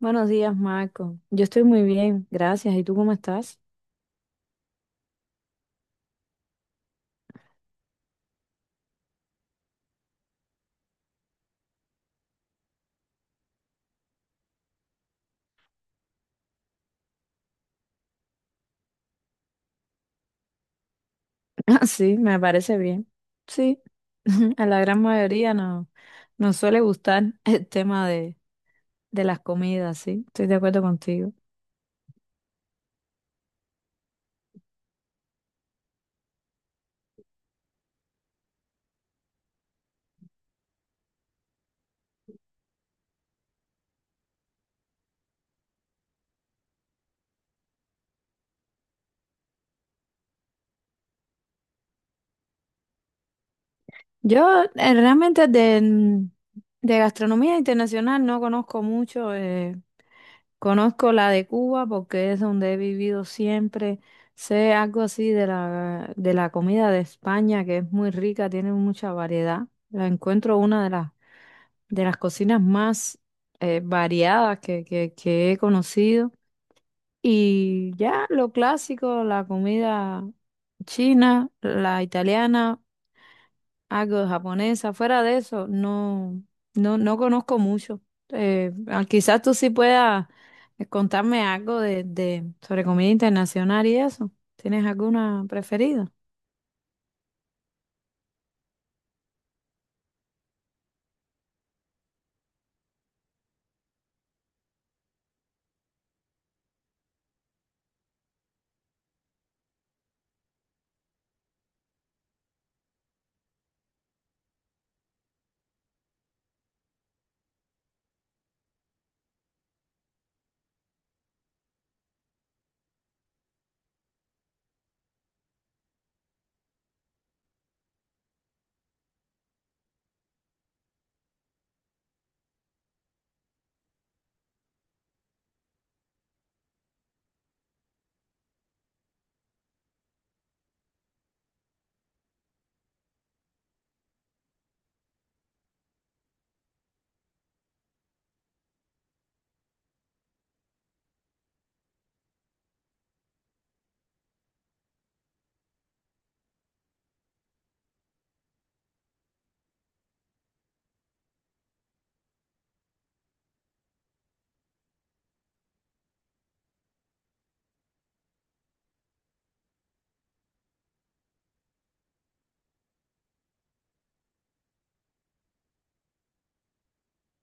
Buenos días, Marco. Yo estoy muy bien, gracias. ¿Y tú cómo estás? Ah, sí, me parece bien. Sí, a la gran mayoría no nos suele gustar el tema de las comidas. Sí, estoy de acuerdo contigo. Yo realmente de gastronomía internacional no conozco mucho. Conozco la de Cuba porque es donde he vivido siempre. Sé algo así de de la comida de España, que es muy rica, tiene mucha variedad. La encuentro una de de las cocinas más variadas que he conocido. Y ya lo clásico, la comida china, la italiana, algo de japonesa. Fuera de eso, no conozco mucho. Quizás tú sí puedas contarme algo de sobre comida internacional y eso. ¿Tienes alguna preferida?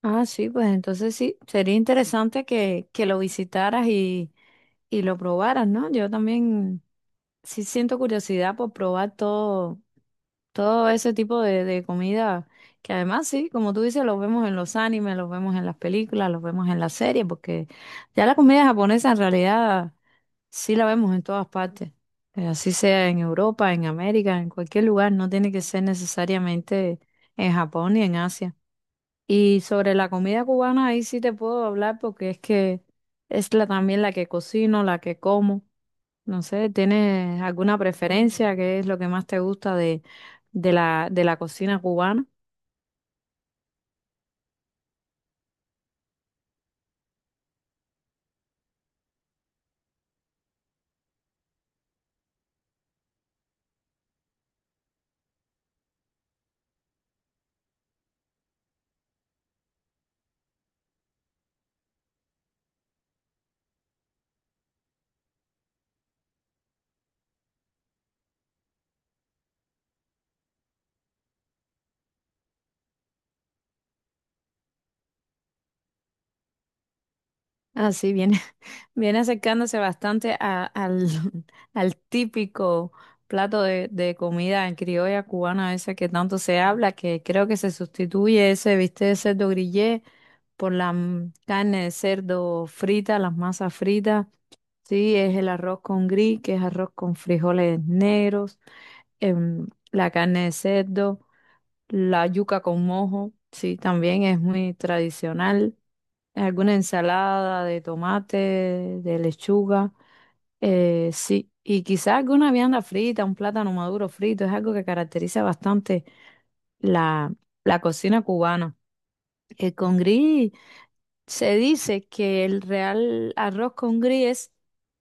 Ah, sí, pues entonces sí, sería interesante que lo visitaras y lo probaras, ¿no? Yo también sí siento curiosidad por probar todo ese tipo de comida, que además sí, como tú dices, los vemos en los animes, los vemos en las películas, los vemos en las series, porque ya la comida japonesa en realidad sí la vemos en todas partes. Así sea en Europa, en América, en cualquier lugar, no tiene que ser necesariamente en Japón ni en Asia. Y sobre la comida cubana, ahí sí te puedo hablar, porque es que es también la que cocino, la que como. No sé, ¿tienes alguna preferencia? ¿Qué es lo que más te gusta de de la cocina cubana? Ah, sí, viene, viene acercándose bastante al, al típico plato de comida criolla cubana, ese que tanto se habla, que creo que se sustituye ese bistec de cerdo grillé por la carne de cerdo frita, las masas fritas. Sí, es el arroz con gris, que es arroz con frijoles negros, la carne de cerdo, la yuca con mojo, sí, también es muy tradicional. Alguna ensalada de tomate, de lechuga, sí, y quizás alguna vianda frita, un plátano maduro frito, es algo que caracteriza bastante la, la cocina cubana. El con gris. Se dice que el real arroz con gris es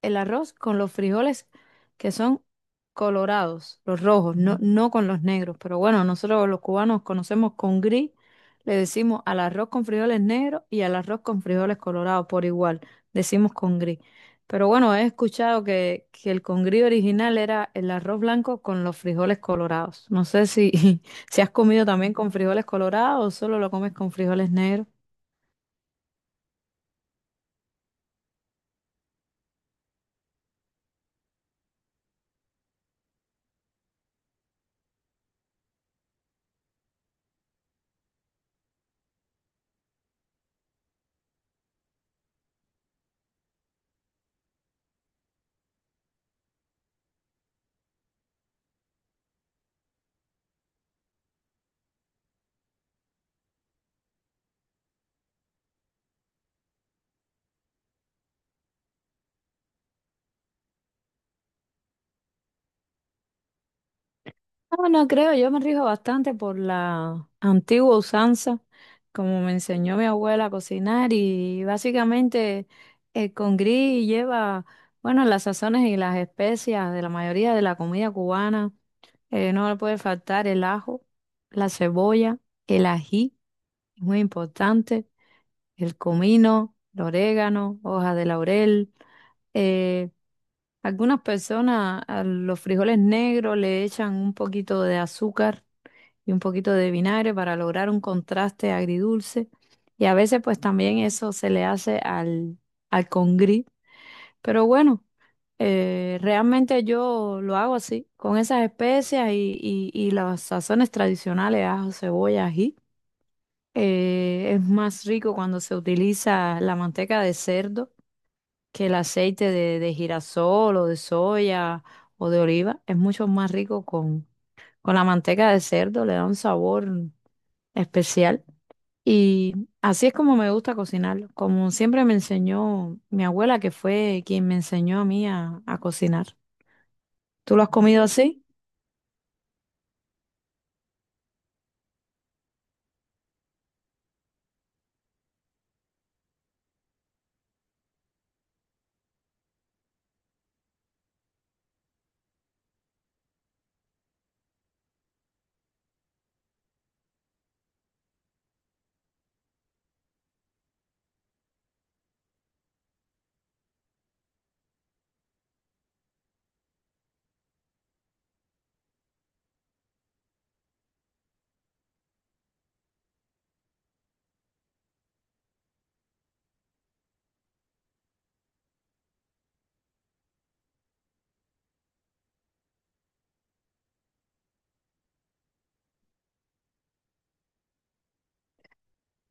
el arroz con los frijoles que son colorados, los rojos, no con los negros. Pero bueno, nosotros los cubanos conocemos con gris, le decimos al arroz con frijoles negros y al arroz con frijoles colorados por igual, decimos con gris. Pero bueno, he escuchado que el con gris original era el arroz blanco con los frijoles colorados. No sé si, si has comido también con frijoles colorados o solo lo comes con frijoles negros. No, no creo, yo me rijo bastante por la antigua usanza, como me enseñó mi abuela a cocinar, y básicamente el congrí lleva, bueno, las sazones y las especias de la mayoría de la comida cubana. No le puede faltar el ajo, la cebolla, el ají, muy importante, el comino, el orégano, hoja de laurel. Eh, Algunas personas a los frijoles negros le echan un poquito de azúcar y un poquito de vinagre para lograr un contraste agridulce. Y a veces pues también eso se le hace al congrí. Pero bueno, realmente yo lo hago así, con esas especias y las sazones tradicionales, ajo, cebolla, ají. Es más rico cuando se utiliza la manteca de cerdo que el aceite de girasol o de soya o de oliva. Es mucho más rico con la manteca de cerdo, le da un sabor especial. Y así es como me gusta cocinarlo, como siempre me enseñó mi abuela, que fue quien me enseñó a mí a cocinar. ¿Tú lo has comido así?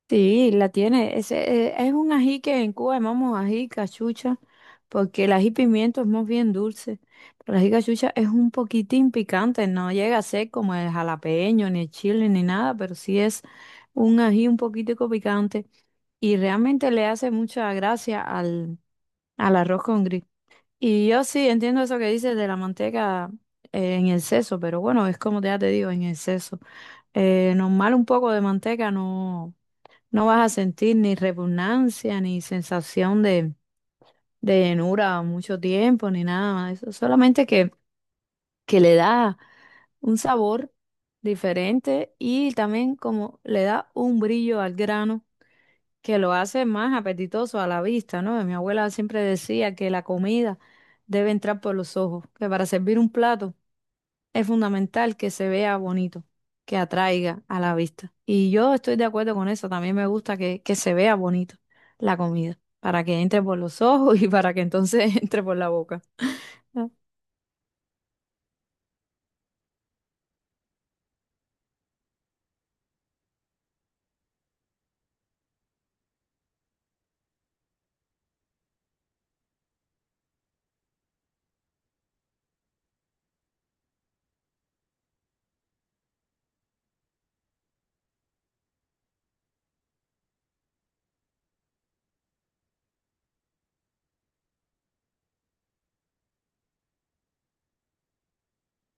Sí, la tiene. Ese, es un ají que en Cuba llamamos ají cachucha, porque el ají pimiento es más bien dulce, pero el ají cachucha es un poquitín picante, no llega a ser como el jalapeño, ni el chile, ni nada, pero sí es un ají un poquitico picante y realmente le hace mucha gracia al, al arroz con. Y yo sí entiendo eso que dices de la manteca en exceso, pero bueno, es como ya te digo, en exceso. Normal, un poco de manteca no, no vas a sentir ni repugnancia, ni sensación de llenura mucho tiempo, ni nada más de eso. Solamente que le da un sabor diferente, y también como le da un brillo al grano que lo hace más apetitoso a la vista, ¿no? Mi abuela siempre decía que la comida debe entrar por los ojos, que para servir un plato es fundamental que se vea bonito, que atraiga a la vista. Y yo estoy de acuerdo con eso, también me gusta que se vea bonito la comida, para que entre por los ojos y para que entonces entre por la boca.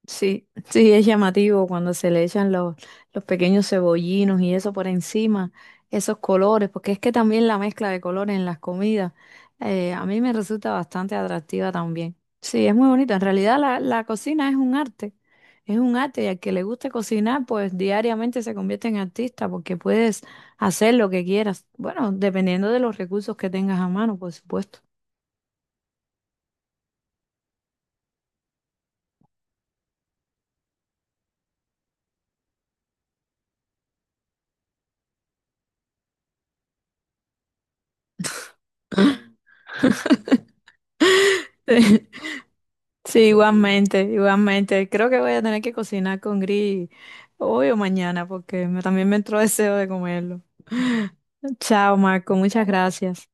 Sí, sí, es llamativo cuando se le echan los pequeños cebollinos y eso por encima, esos colores, porque es que también la mezcla de colores en las comidas, a mí me resulta bastante atractiva también. Sí, es muy bonito. En realidad la, la cocina es un arte, es un arte, y al que le guste cocinar, pues diariamente se convierte en artista porque puedes hacer lo que quieras. Bueno, dependiendo de los recursos que tengas a mano, por supuesto. Sí, igualmente, igualmente. Creo que voy a tener que cocinar con gris hoy o mañana, porque me- también me entró deseo de comerlo. Chao, Marco, muchas gracias.